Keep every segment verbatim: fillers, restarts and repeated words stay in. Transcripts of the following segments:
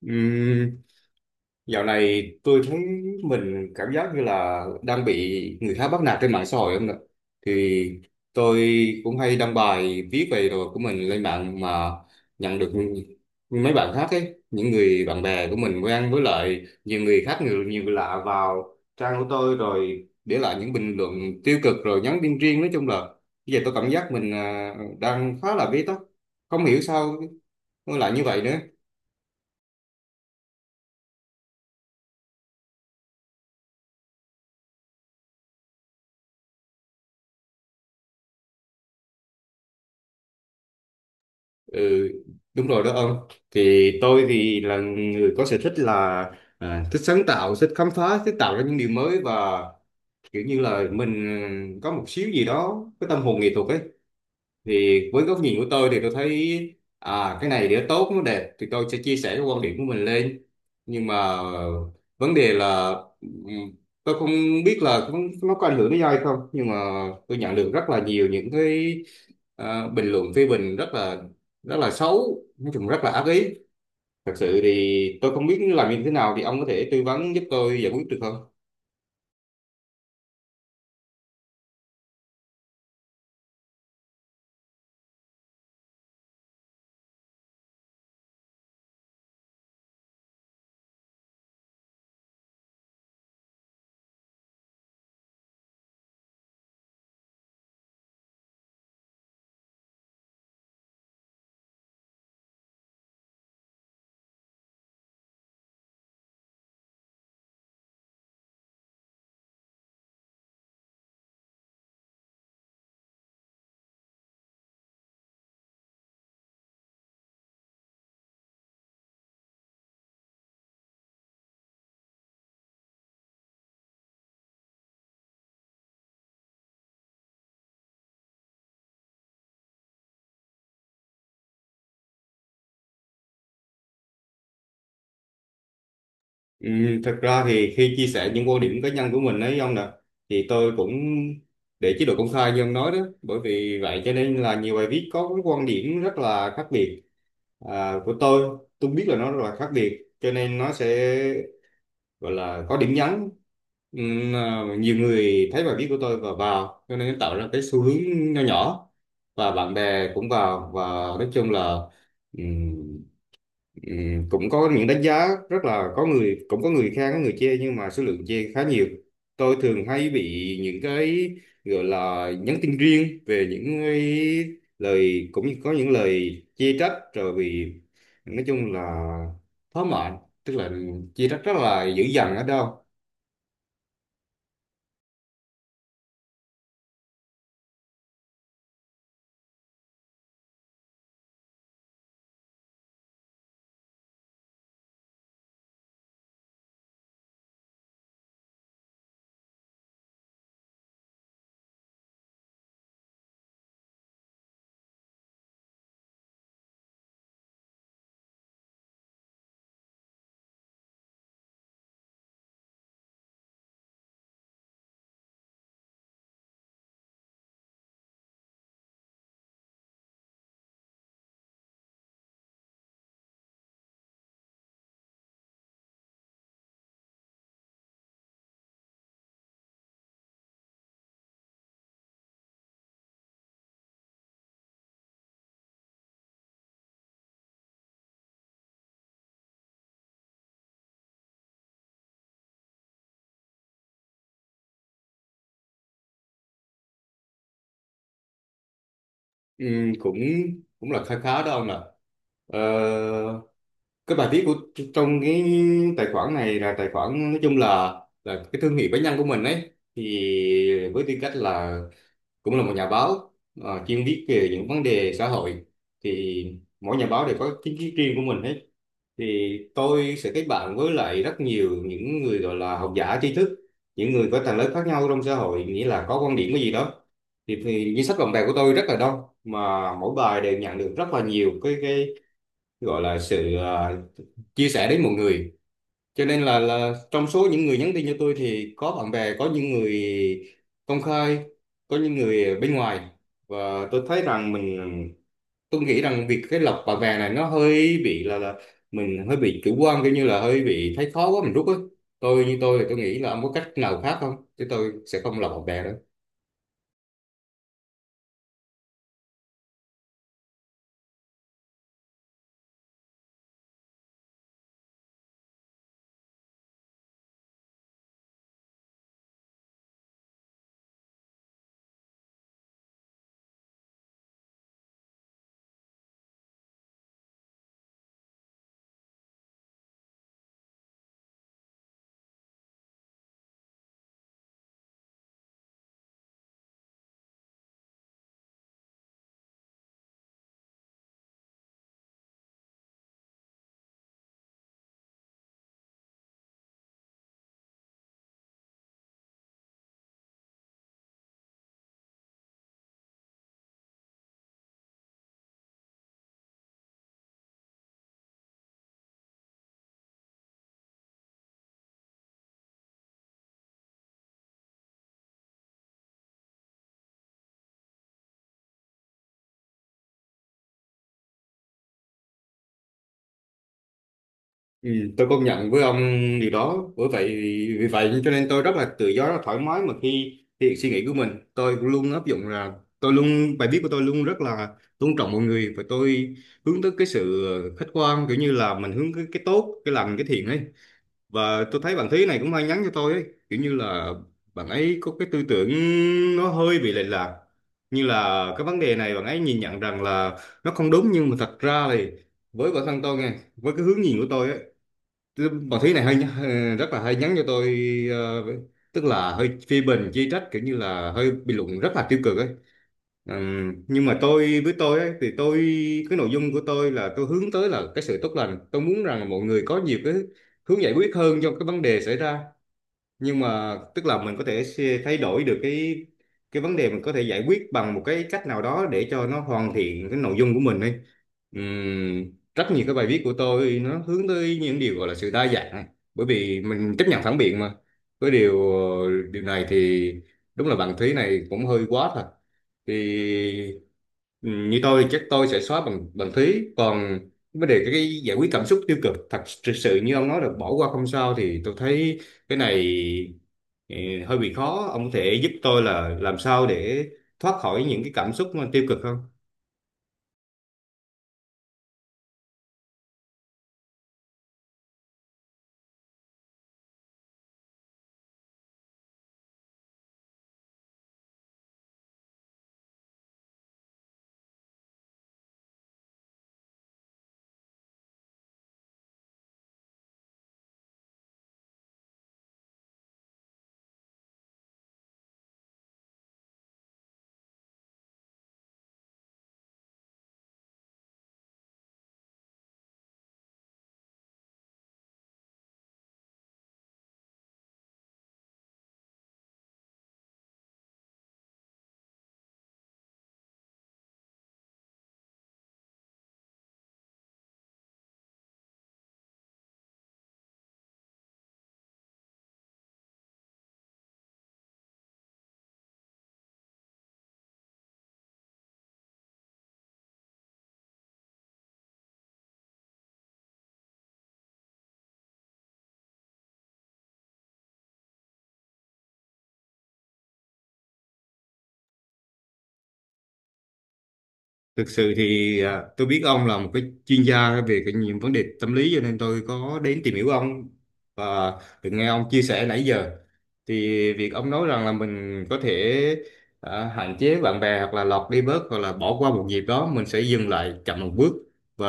Ừm, dạo này tôi thấy mình cảm giác như là đang bị người khác bắt nạt trên mạng xã hội không ạ? Thì tôi cũng hay đăng bài viết về đồ của mình lên mạng mà nhận được mấy bạn khác ấy, những người bạn bè của mình quen với lại nhiều người khác nhiều nhiều người lạ vào trang của tôi rồi để lại những bình luận tiêu cực rồi nhắn tin riêng, nói chung là bây giờ tôi cảm giác mình à, đang khá là bế tắc, không hiểu sao nó lại như vậy nữa. Ừ, đúng rồi đó ông. Thì tôi thì là người có sở thích là à, thích sáng tạo, thích khám phá, thích tạo ra những điều mới, và kiểu như là mình có một xíu gì đó, cái tâm hồn nghệ thuật ấy. Thì với góc nhìn của tôi thì tôi thấy à, cái này để tốt nó đẹp thì tôi sẽ chia sẻ cái quan điểm của mình lên. Nhưng mà vấn đề là ừm, tôi không biết là nó nó có ảnh hưởng đến ai không, nhưng mà tôi nhận được rất là nhiều những cái à, bình luận phê bình rất là rất là xấu, nói chung rất là ác ý. Thật sự thì tôi không biết làm như thế nào, thì ông có thể tư vấn giúp tôi giải quyết được không? Ừ, thật ra thì khi chia sẻ những quan điểm cá nhân của mình ấy ông nè, thì tôi cũng để chế độ công khai như ông nói đó. Bởi vì vậy cho nên là nhiều bài viết có cái quan điểm rất là khác biệt, à, của tôi tôi biết là nó rất là khác biệt cho nên nó sẽ gọi là có điểm nhấn. Ừm, à, nhiều người thấy bài viết của tôi và vào, cho nên tạo ra cái xu hướng nho nhỏ, và bạn bè cũng vào và nói chung là ừ, Ừ, cũng có những đánh giá rất là, có người cũng có người khen có người chê, nhưng mà số lượng chê khá nhiều. Tôi thường hay bị những cái gọi là nhắn tin riêng về những cái lời, cũng như có những lời chê trách rồi, vì nói chung là thỏa mãn, tức là chê trách rất là dữ dằn ở đâu. Ừ, cũng cũng là khá khá đó ông ạ. ờ, cái bài viết của, trong cái tài khoản này, là tài khoản nói chung là là cái thương hiệu cá nhân của mình ấy, thì với tư cách là cũng là một nhà báo ờ, chuyên viết về những vấn đề xã hội, thì mỗi nhà báo đều có kiến thức riêng của mình hết. Thì tôi sẽ kết bạn với lại rất nhiều những người gọi là học giả tri thức, những người có tầng lớp khác nhau trong xã hội, nghĩa là có quan điểm cái gì đó. Thì, thì danh sách bạn bè của tôi rất là đông, mà mỗi bài đều nhận được rất là nhiều cái cái gọi là sự ờ, chia sẻ đến mọi người. Cho nên là là trong số những người nhắn tin cho tôi thì có bạn bè, có những người công khai, có những người bên ngoài, và tôi thấy rằng mình, tôi nghĩ rằng việc cái lọc bạn bè này nó hơi bị là là mình hơi bị chủ quan, kiểu như là hơi bị thấy khó quá mình rút á. Tôi như tôi thì tôi nghĩ là ông có cách nào khác không, chứ tôi sẽ không lọc bạn bè đâu. Ừ, tôi công nhận với ông điều đó. Bởi vậy vì vậy cho nên tôi rất là tự do rất là thoải mái mà, khi thể hiện suy nghĩ của mình tôi luôn áp dụng là tôi luôn, bài viết của tôi luôn rất là tôn trọng mọi người, và tôi hướng tới cái sự khách quan, kiểu như là mình hướng cái, cái tốt cái lành cái thiện ấy. Và tôi thấy bạn Thúy này cũng hay nhắn cho tôi ấy, kiểu như là bạn ấy có cái tư tưởng nó hơi bị lệch lạc, như là cái vấn đề này bạn ấy nhìn nhận rằng là nó không đúng, nhưng mà thật ra thì với bản thân tôi nghe, với cái hướng nhìn của tôi á. Tức- Bà Thúy này hơi hơi- rất là hay nhắn cho tôi, ờ, tức là hơi phê bình chỉ trách, kiểu như là hơi bình luận rất là tiêu cực ấy. Ừm, nhưng mà tôi với tôi ấy, thì tôi, cái nội dung của tôi là tôi hướng tới là cái sự tốt lành. Tôi muốn rằng mọi người có nhiều cái hướng giải quyết hơn cho cái vấn đề xảy ra, nhưng mà tức là mình có thể xê- thay đổi được cái cái vấn đề, mình có thể giải quyết bằng một cái cách nào đó để cho nó hoàn thiện cái nội dung của mình đi. Ừm, Rất nhiều cái bài viết của tôi nó hướng tới những điều gọi là sự đa dạng, bởi vì mình chấp nhận phản biện mà. Với điều điều này thì đúng là bạn Thúy này cũng hơi quá thật. Thì ừ, như tôi thì chắc tôi sẽ xóa bằng bằng phí. Còn vấn đề cái, cái giải quyết cảm xúc tiêu cực, thật sự như ông nói là bỏ qua không sao, thì tôi thấy cái này ừ, hơi bị khó. Ông có thể giúp tôi là làm sao để thoát khỏi những cái cảm xúc mà tiêu cực không? Thực sự thì à, tôi biết ông là một cái chuyên gia về cái những vấn đề tâm lý, cho nên tôi có đến tìm hiểu ông và được nghe ông chia sẻ nãy giờ. Thì việc ông nói rằng là mình có thể à, hạn chế bạn bè, hoặc là lọt đi bớt, hoặc là bỏ qua một dịp đó, mình sẽ dừng lại chậm một bước, và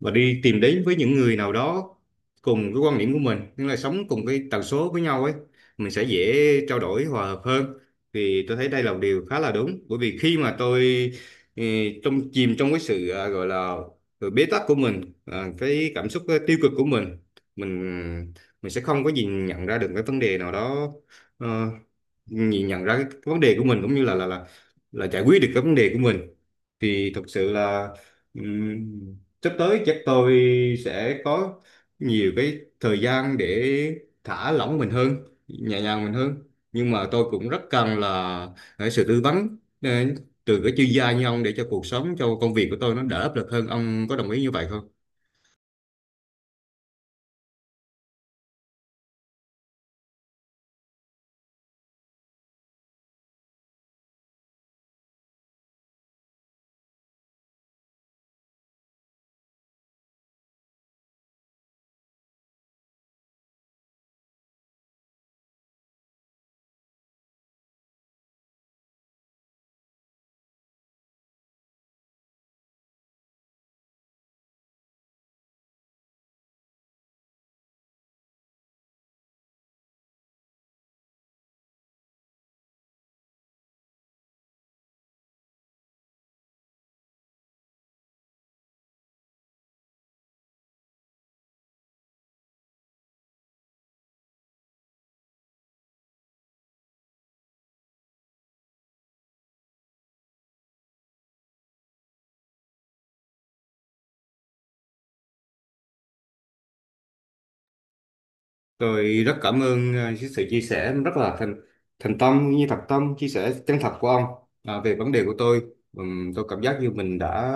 và đi tìm đến với những người nào đó cùng cái quan điểm của mình, nhưng là sống cùng cái tần số với nhau ấy, mình sẽ dễ trao đổi hòa hợp hơn. Thì tôi thấy đây là một điều khá là đúng, bởi vì khi mà tôi ừ, trong chìm trong cái sự à, gọi là sự bế tắc của mình, à, cái cảm xúc ờ, tiêu cực của mình, mình mình sẽ không có gì nhận ra được cái vấn đề nào đó, ờ, nhìn nhận ra cái vấn đề của mình, cũng như là là là là giải quyết được cái vấn đề của mình. Thì thực sự là ừm, sắp tới chắc tôi sẽ có nhiều cái thời gian để thả lỏng mình hơn, nhẹ nhàng mình hơn. Nhưng mà tôi cũng rất cần là cái sự tư vấn ờ, từ các chuyên gia như ông, để cho cuộc sống cho công việc của tôi nó đỡ áp lực hơn. Ông có đồng ý như vậy không? Tôi rất cảm ơn ờ, cái sự chia sẻ rất là thành thành tâm, cũng như thật tâm chia sẻ chân thật của ông à, về vấn đề của tôi. Ừm, tôi cảm giác như mình đã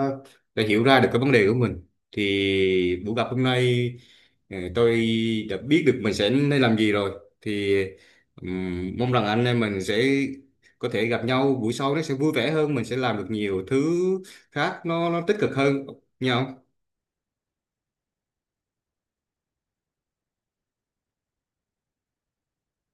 đã hiểu ra được cái vấn đề của mình. Thì buổi gặp hôm nay ờ, tôi đã biết được mình sẽ nên làm gì rồi. Thì ừm, mong rằng anh em mình sẽ có thể gặp nhau buổi sau nó sẽ vui vẻ hơn, mình sẽ làm được nhiều thứ khác nó nó tích cực hơn nhau.